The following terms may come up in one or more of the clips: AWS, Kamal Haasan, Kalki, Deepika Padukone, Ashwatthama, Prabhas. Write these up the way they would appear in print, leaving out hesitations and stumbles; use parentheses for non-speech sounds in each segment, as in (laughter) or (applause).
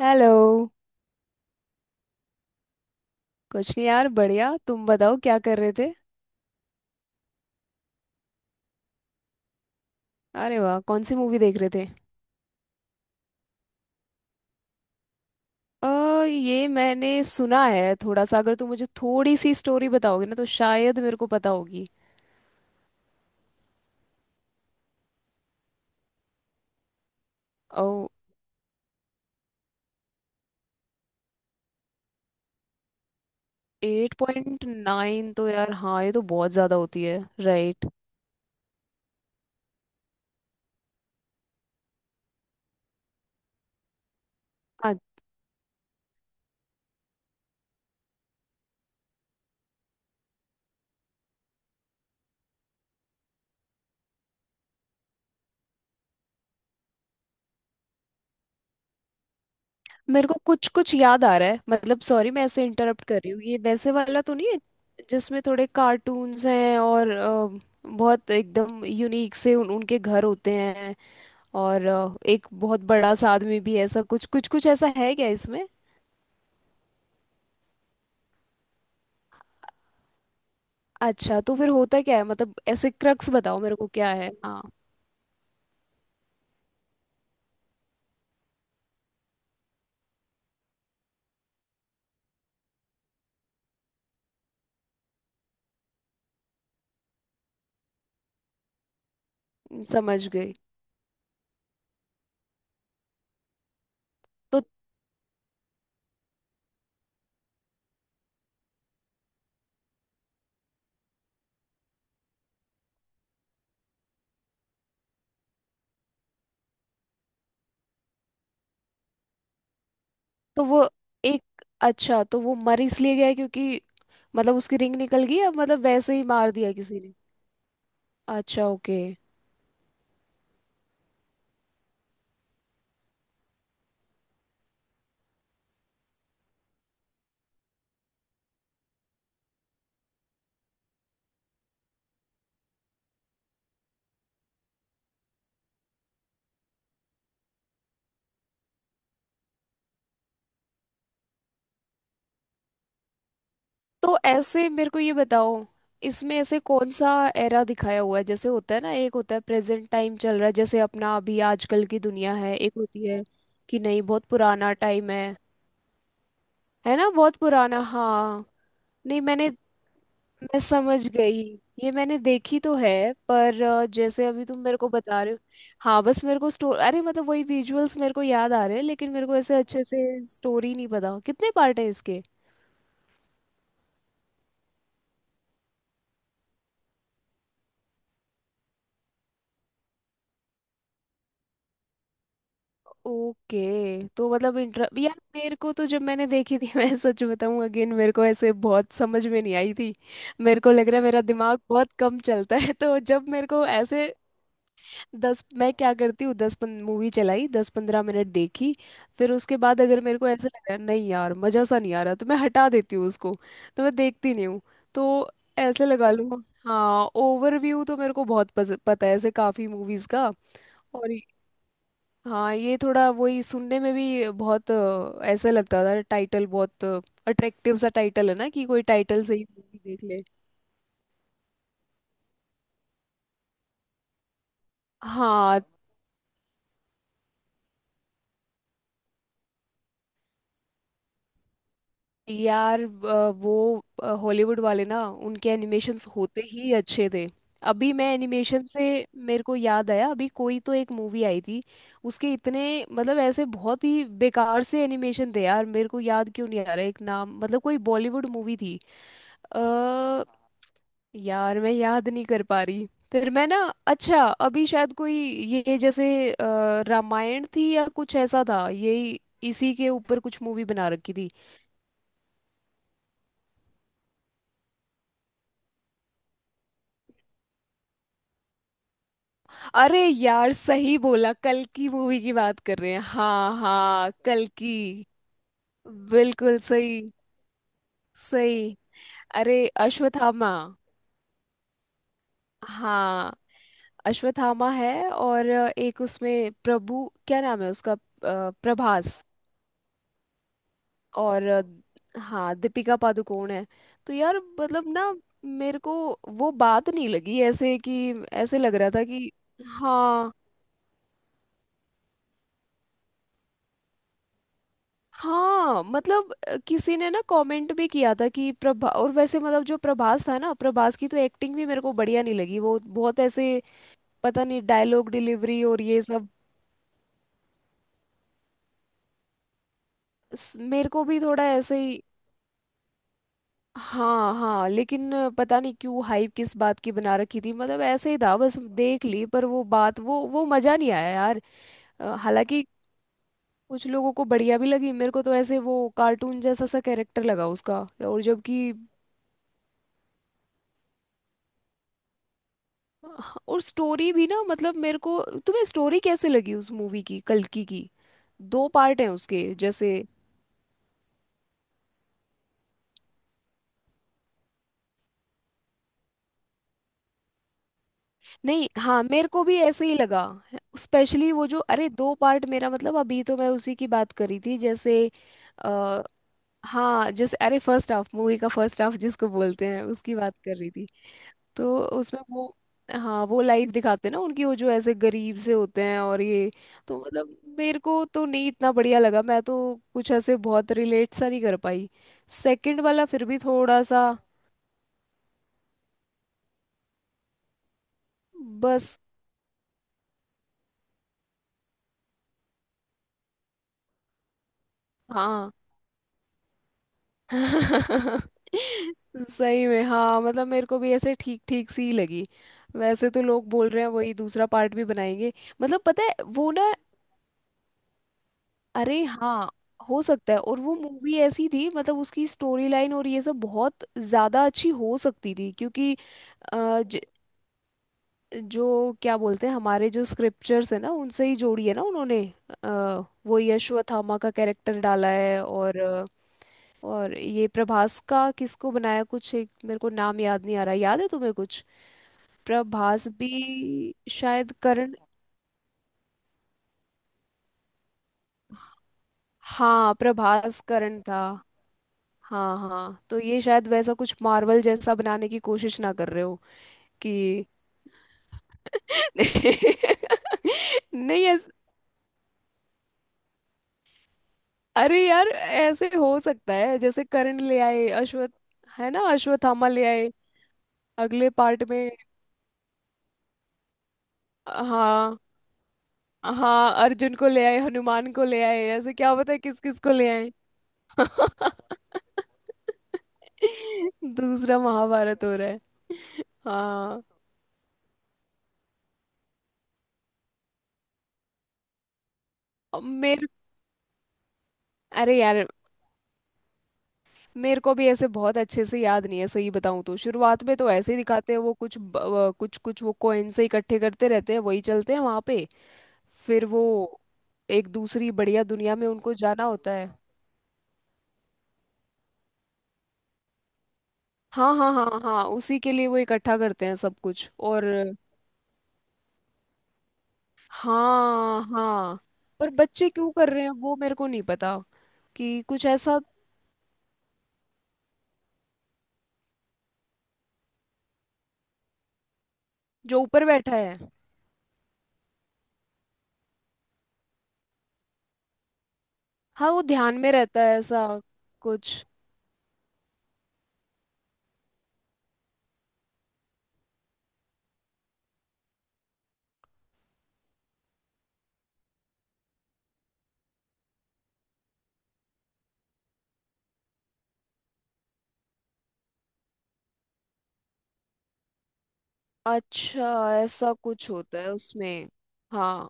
Hello. कुछ नहीं, यार, बढ़िया। तुम बताओ, क्या कर रहे थे? अरे वाह, कौन सी मूवी देख रहे थे? अ ये मैंने सुना है थोड़ा सा। अगर तुम मुझे थोड़ी सी स्टोरी बताओगे ना, तो शायद मेरे को पता होगी। ओ, एट पॉइंट नाइन तो यार, हाँ, ये तो बहुत ज़्यादा होती है। राइट। हाँ, मेरे को कुछ कुछ याद आ रहा है मतलब। सॉरी, मैं ऐसे इंटरप्ट कर रही हूँ। ये वैसे वाला तो नहीं है जिसमें थोड़े कार्टून्स हैं और बहुत एकदम यूनिक से उनके घर होते हैं, और एक बहुत बड़ा सा आदमी भी है, ऐसा कुछ कुछ कुछ ऐसा है क्या इसमें? अच्छा, तो फिर होता क्या है मतलब? ऐसे क्रक्स बताओ मेरे को क्या है। हाँ, समझ गई। तो तो वो एक, अच्छा, तो वो मर इसलिए गया क्योंकि मतलब उसकी रिंग निकल गई, या मतलब वैसे ही मार दिया किसी ने? अच्छा, ओके। तो ऐसे मेरे को ये बताओ, इसमें ऐसे कौन सा एरा दिखाया हुआ है? जैसे होता है ना, एक होता है प्रेजेंट टाइम चल रहा है, जैसे अपना अभी आजकल की दुनिया है, एक होती है कि नहीं, बहुत पुराना टाइम है? है ना, बहुत पुराना, हाँ। नहीं मैंने मैं समझ गई। ये मैंने देखी तो है, पर जैसे अभी तुम मेरे को बता रहे हो। हाँ, बस मेरे को स्टोर अरे मतलब वही विजुअल्स मेरे को याद आ रहे हैं, लेकिन मेरे को ऐसे अच्छे से स्टोरी नहीं पता। कितने पार्ट है इसके? ओके। तो मतलब इंटर यार, मेरे को तो जब मैंने देखी थी (laughs) मैं सच बताऊं अगेन, मेरे को ऐसे बहुत समझ में नहीं आई थी। मेरे को लग रहा है मेरा दिमाग बहुत कम चलता है। तो जब मेरे को ऐसे दस, मैं क्या करती हूँ, दस पन मूवी चलाई, दस पंद्रह मिनट देखी, फिर उसके बाद अगर मेरे को ऐसा लगा नहीं यार मज़ा सा नहीं आ रहा, तो मैं हटा देती हूँ उसको। तो मैं देखती नहीं हूँ। तो ऐसे लगा लूँ। हाँ, ओवरव्यू तो मेरे को बहुत पता है ऐसे काफ़ी मूवीज़ का। और ये- हाँ, ये थोड़ा वही सुनने में भी बहुत ऐसा लगता था। टाइटल बहुत अट्रैक्टिव सा टाइटल है ना, कि कोई टाइटल से ही मूवी देख ले। हाँ यार, वो हॉलीवुड वाले ना, उनके एनिमेशंस होते ही अच्छे थे। अभी मैं एनिमेशन से मेरे को याद आया, अभी कोई तो एक मूवी आई थी उसके इतने मतलब ऐसे बहुत ही बेकार से एनिमेशन थे यार। मेरे को याद क्यों नहीं आ रहा एक नाम। मतलब कोई बॉलीवुड मूवी थी। अ यार, मैं याद नहीं कर पा रही। फिर मैं ना अच्छा, अभी शायद कोई ये जैसे रामायण थी या कुछ ऐसा था, यही इसी के ऊपर कुछ मूवी बना रखी थी। अरे यार, सही बोला, कल की मूवी की बात कर रहे हैं, हाँ हाँ, कल की। बिल्कुल सही। सही। अरे, अश्वत्थामा, हाँ, अश्वत्थामा है। और एक उसमें प्रभु, क्या नाम है उसका, प्रभास। और हाँ, दीपिका पादुकोण है। तो यार मतलब ना, मेरे को वो बात नहीं लगी, ऐसे कि ऐसे लग रहा था कि हाँ हाँ। मतलब किसी ने ना कमेंट भी किया था कि प्रभा और वैसे मतलब जो प्रभास था ना, प्रभास की तो एक्टिंग भी मेरे को बढ़िया नहीं लगी। वो बहुत ऐसे पता नहीं डायलॉग डिलीवरी और ये सब। मेरे को भी थोड़ा ऐसे ही। हाँ हाँ। लेकिन पता नहीं क्यों हाइप किस बात की बना रखी थी। मतलब ऐसे ही था, बस देख ली, पर वो बात, वो मजा नहीं आया यार। हालांकि कुछ लोगों को बढ़िया भी लगी। मेरे को तो ऐसे वो कार्टून जैसा सा कैरेक्टर लगा उसका। और जबकि हाँ, और स्टोरी भी ना मतलब मेरे को। तुम्हें स्टोरी कैसे लगी उस मूवी की, कल्कि की? दो पार्ट हैं उसके जैसे। नहीं, हाँ, मेरे को भी ऐसे ही लगा। स्पेशली वो जो, अरे, दो पार्ट, मेरा मतलब अभी तो मैं उसी की बात करी थी जैसे आ, हाँ जैसे, अरे, फर्स्ट हाफ, मूवी का फर्स्ट हाफ जिसको बोलते हैं, उसकी बात कर रही थी। तो उसमें वो हाँ, वो लाइफ दिखाते हैं ना उनकी, वो जो ऐसे गरीब से होते हैं और ये। तो मतलब मेरे को तो नहीं इतना बढ़िया लगा। मैं तो कुछ ऐसे बहुत रिलेट सा नहीं कर पाई। सेकंड वाला फिर भी थोड़ा सा, बस। हाँ (laughs) सही में हाँ, मतलब मेरे को भी ऐसे ठीक ठीक सी ही लगी। वैसे तो लोग बोल रहे हैं वही दूसरा पार्ट भी बनाएंगे, मतलब पता है वो ना। अरे हाँ, हो सकता है। और वो मूवी ऐसी थी मतलब उसकी स्टोरी लाइन और ये सब बहुत ज्यादा अच्छी हो सकती थी क्योंकि अ, ज, जो क्या बोलते हैं, हमारे जो स्क्रिप्चर्स है ना, उनसे ही जोड़ी है ना उन्होंने। अ, वो यशवथामा का कैरेक्टर डाला है, और और ये प्रभास का किसको बनाया कुछ एक, मेरे को नाम याद नहीं आ रहा, याद है तुम्हें कुछ? प्रभास भी शायद करण। हाँ, प्रभास करण था। हाँ हाँ, तो ये शायद वैसा कुछ मार्वल जैसा बनाने की कोशिश ना कर रहे हो कि (laughs) नहीं ऐस... अरे यार, ऐसे हो सकता है जैसे करण ले आए, अश्वत्थ है ना, अश्वत्थामा ले आए अगले पार्ट में। हाँ हाँ, अर्जुन को ले आए, हनुमान को ले आए, ऐसे क्या पता है किस किस को ले आए। (laughs) दूसरा महाभारत हो रहा है। हाँ मेरे अरे यार, मेरे को भी ऐसे बहुत अच्छे से याद नहीं है। सही बताऊं तो शुरुआत में तो ऐसे ही दिखाते हैं, वो कुछ कुछ कुछ वो कॉइन से इकट्ठे करते रहते हैं, वही चलते हैं वहां पे। फिर वो एक दूसरी बढ़िया दुनिया में उनको जाना होता है। हाँ हाँ हाँ हाँ हाँ, उसी के लिए वो इकट्ठा करते हैं सब कुछ। और हाँ हाँ, पर बच्चे क्यों कर रहे हैं वो मेरे को नहीं पता। कि कुछ ऐसा जो ऊपर बैठा है, हाँ, वो ध्यान में रहता है ऐसा कुछ। अच्छा, ऐसा कुछ होता है उसमें। हाँ।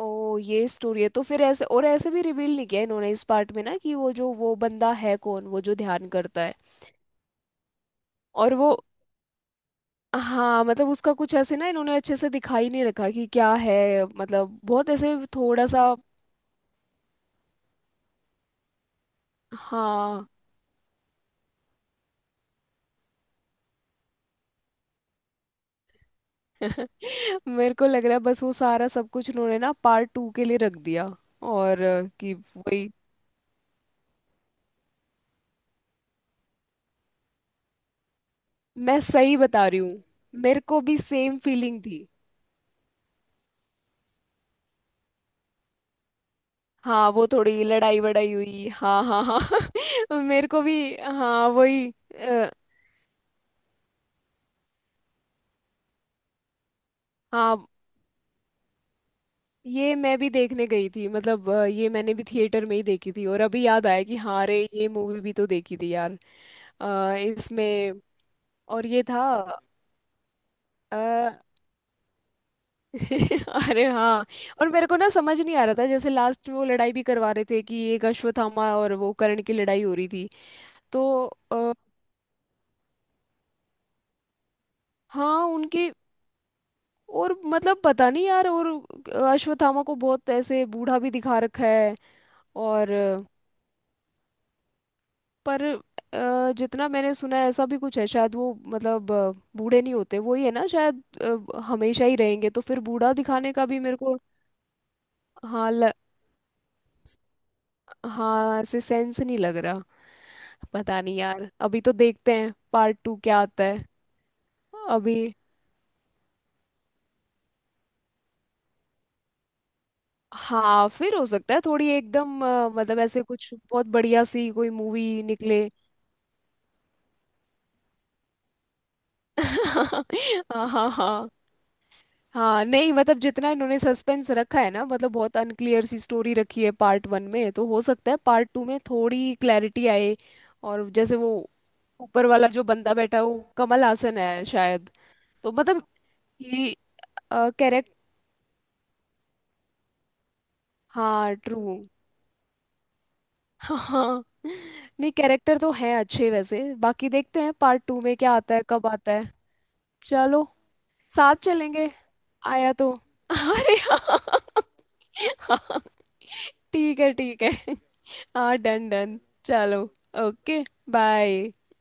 ओ, ये स्टोरी है। तो फिर ऐसे और ऐसे भी रिवील नहीं किया इन्होंने इस पार्ट में ना, कि वो जो वो बंदा है कौन, वो जो ध्यान करता है। और वो हाँ, मतलब उसका कुछ ऐसे ना इन्होंने अच्छे से दिखा ही नहीं रखा कि क्या है, मतलब बहुत ऐसे थोड़ा सा। हाँ। (laughs) मेरे को लग रहा है बस वो सारा सब कुछ उन्होंने ना पार्ट टू के लिए रख दिया। और अ, कि वही मैं सही बता रही हूँ। मेरे को भी सेम फीलिंग थी। हाँ, वो थोड़ी लड़ाई वड़ाई हुई, हाँ हाँ हाँ। (laughs) मेरे को भी, हाँ वही। अ, हाँ, ये मैं भी देखने गई थी, मतलब ये मैंने भी थिएटर में ही देखी थी, और अभी याद आया कि हाँ रे, ये मूवी भी तो देखी थी यार। अ, इसमें और ये था अ, (laughs) अरे हाँ। और मेरे को ना समझ नहीं आ रहा था जैसे लास्ट में वो लड़ाई भी करवा रहे थे कि एक अश्वत्थामा और वो कर्ण की लड़ाई हो रही थी। तो अ, हाँ उनकी। और मतलब पता नहीं यार। और अश्वत्थामा को बहुत ऐसे बूढ़ा भी दिखा रखा है। और पर जितना मैंने सुना है, ऐसा भी कुछ है शायद वो, मतलब बूढ़े नहीं होते वो, ही है ना शायद, हमेशा ही रहेंगे। तो फिर बूढ़ा दिखाने का भी मेरे को हाँ ल, हाँ ऐसे सेंस नहीं लग रहा। पता नहीं यार, अभी तो देखते हैं पार्ट टू क्या आता है। अभी हाँ, फिर हो सकता है थोड़ी एकदम मतलब ऐसे कुछ बहुत बढ़िया सी कोई मूवी निकले। (laughs) हाँ हाँ हाँ। हाँ नहीं, मतलब जितना इन्होंने सस्पेंस रखा है ना, मतलब बहुत अनक्लियर सी स्टोरी रखी है पार्ट वन में, तो हो सकता है पार्ट टू में थोड़ी क्लैरिटी आए। और जैसे वो ऊपर वाला जो बंदा बैठा है, वो कमल हासन है शायद। तो मतलब ये कैरेक्टर, हाँ, ट्रू। हाँ नहीं, कैरेक्टर तो हैं अच्छे वैसे। बाकी देखते हैं पार्ट टू में क्या आता है, कब आता है। चलो, साथ चलेंगे। आया तो (laughs) अरे हाँ। हाँ, ठीक है ठीक है। हाँ, डन डन। चलो, ओके, बाय।